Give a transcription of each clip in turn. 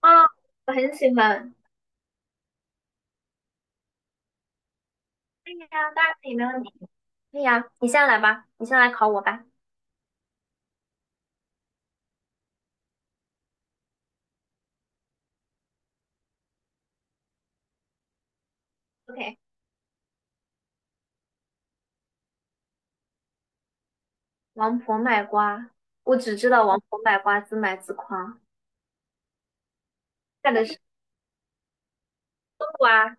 啊，我很喜欢。可以呀，当然可以，没问题。可以呀，你先来吧，你先来考我吧。OK,王婆卖瓜，我只知道王婆卖瓜，自卖自夸。干的是冬瓜、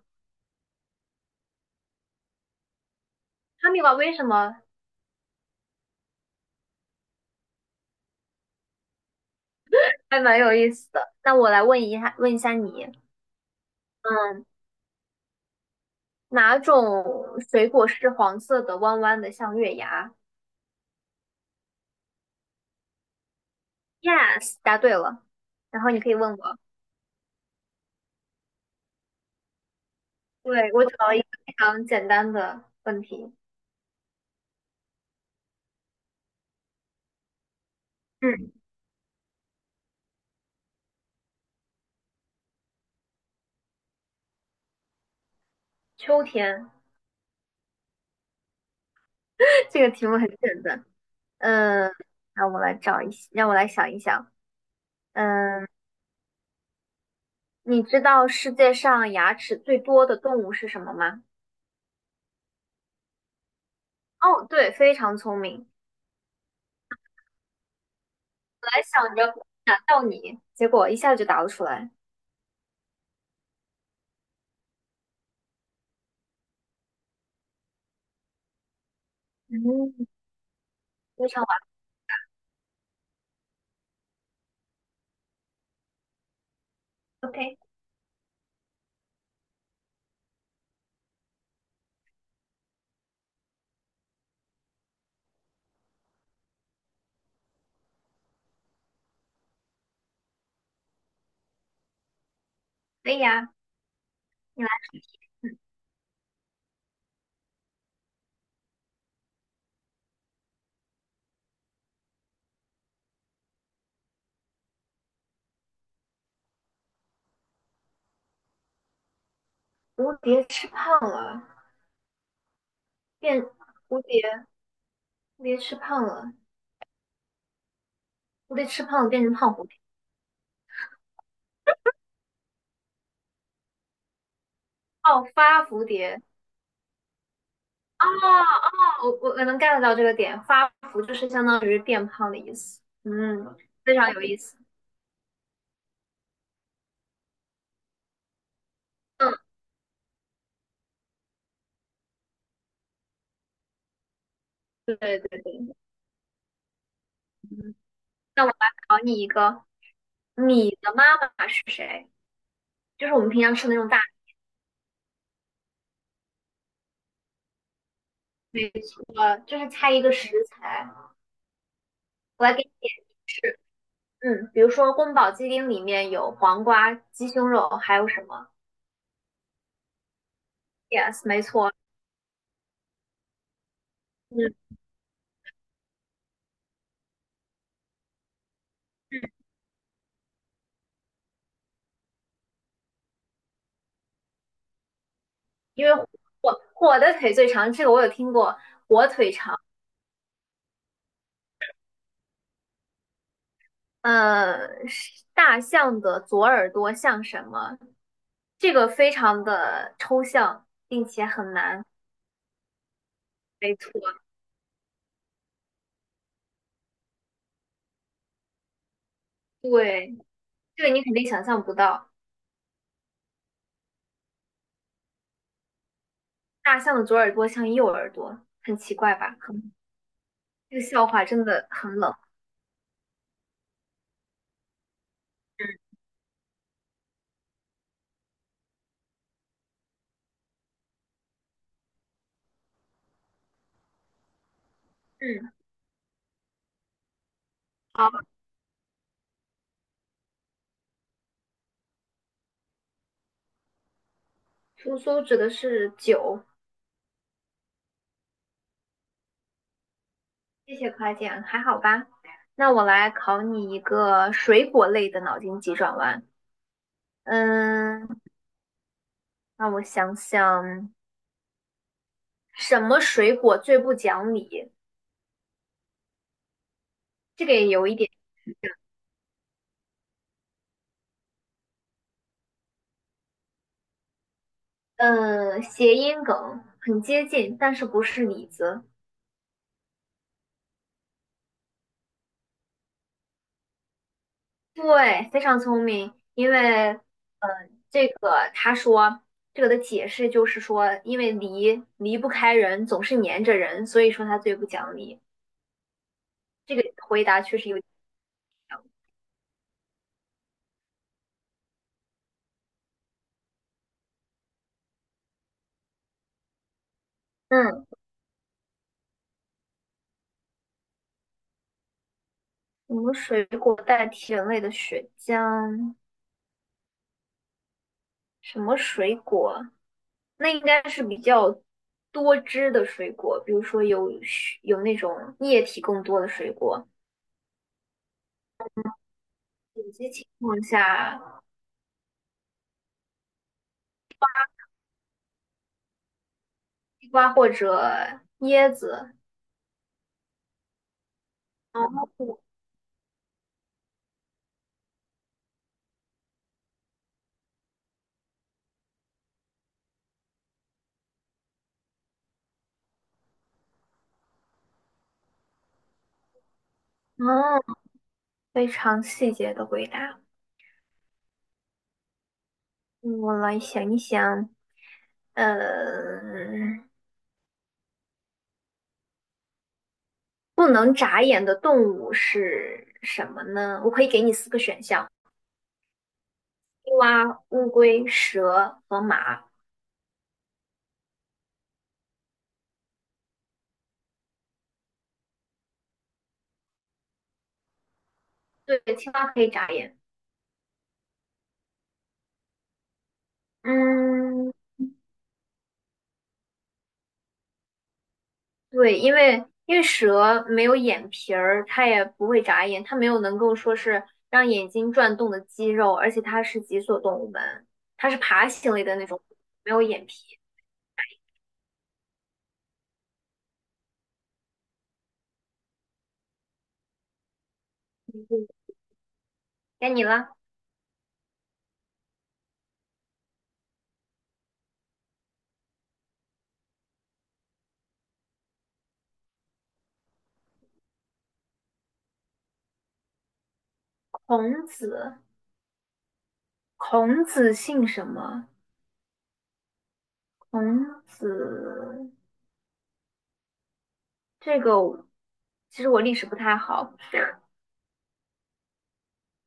哈密瓜，为什么？还蛮有意思的。那我来问一下你，嗯，哪种水果是黄色的，弯弯的，像月牙？Yes,答对了。然后你可以问我，对，我找了一个非常简单的问题。嗯，秋天，这个题目很简单。嗯，让我来想一想。嗯，你知道世界上牙齿最多的动物是什么吗？哦，对，非常聪明。本来想着难到你，结果一下就答不出来。嗯，非常完美。 OK,可以呀，你来。蝴蝶吃胖了，变蝴蝶，蝴蝶吃胖了，蝴蝶吃胖了变成胖蝴蝶。哦，发蝴蝶。哦哦，我能 get 到这个点，发福就是相当于变胖的意思。嗯，非常有意思。嗯，对对对对，嗯，那我来考你一个，你的妈妈是谁？就是我们平常吃的那种大菜，就是猜一个食材。我来给你点提示，嗯，比如说宫保鸡丁里面有黄瓜、鸡胸肉，还有什么？Yes,没错，嗯嗯，因为火火的腿最长，这个我有听过。呃，是大象的左耳朵像什么？这个非常的抽象，并且很难。没错，对。这个你肯定想象不到，大象的左耳朵像右耳朵，很奇怪吧？很，这个笑话真的很冷。嗯嗯，好，苏苏指的是酒，谢谢夸奖，还好吧？那我来考你一个水果类的脑筋急转弯。嗯，让我想想，什么水果最不讲理？这个也有一点，嗯，谐音梗，很接近，但是不是李子。对，非常聪明，因为这个他说，这个的解释就是说，因为离离不开人，总是粘着人，所以说他最不讲理。这个回答确实有点像。嗯，什么水果代替人类的血浆？什么水果？那应该是比较多汁的水果，比如说有血有那种液体更多的水果。有些情况下，西瓜或者椰子。哦，嗯，非常细节的回答。嗯我来想一想，呃，不能眨眼的动物是什么呢？我可以给你4个选项：青蛙、乌龟、蛇和马。对，青蛙可以眨眼。嗯，对，因为蛇没有眼皮儿，它也不会眨眼，它没有能够说是让眼睛转动的肌肉，而且它是脊索动物门，它是爬行类的那种，没有眼皮。该你了，孔子，孔子姓什么？孔子这个我，其实我历史不太好，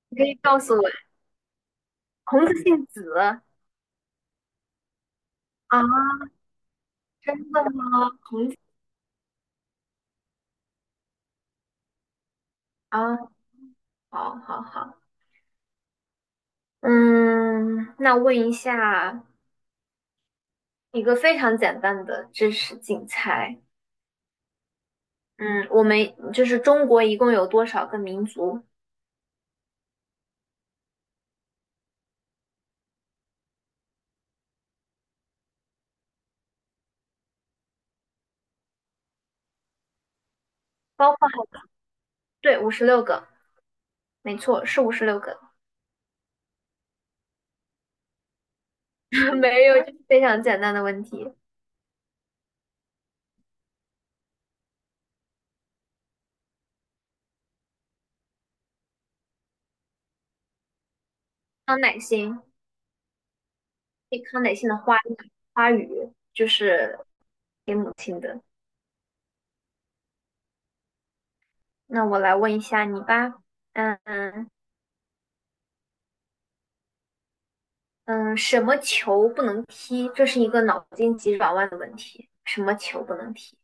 你可以告诉我，孔子姓子啊？真的吗？孔子啊，好好好，嗯，那问一下一个非常简单的知识竞猜，嗯，我们就是中国一共有多少个民族？包括对，五十六个，没错，是五十六个，没有，就是非常简单的问题。康乃馨，一康乃馨的花语就是给母亲的。那我来问一下你吧，嗯嗯，什么球不能踢？这是一个脑筋急转弯的问题。什么球不能踢？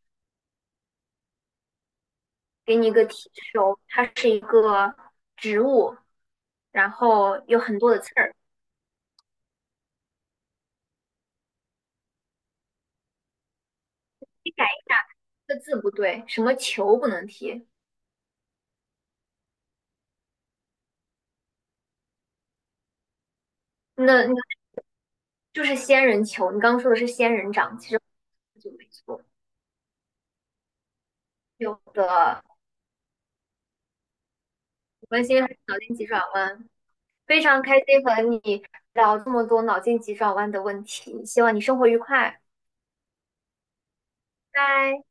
给你一个提示哦，它是一个植物，然后有很多的刺儿。你改一个字不对，什么球不能踢？那就是仙人球。你刚刚说的是仙人掌，其实就没错。有的，我关心还是脑筋急转弯。非常开心和你聊这么多脑筋急转弯的问题，希望你生活愉快，拜拜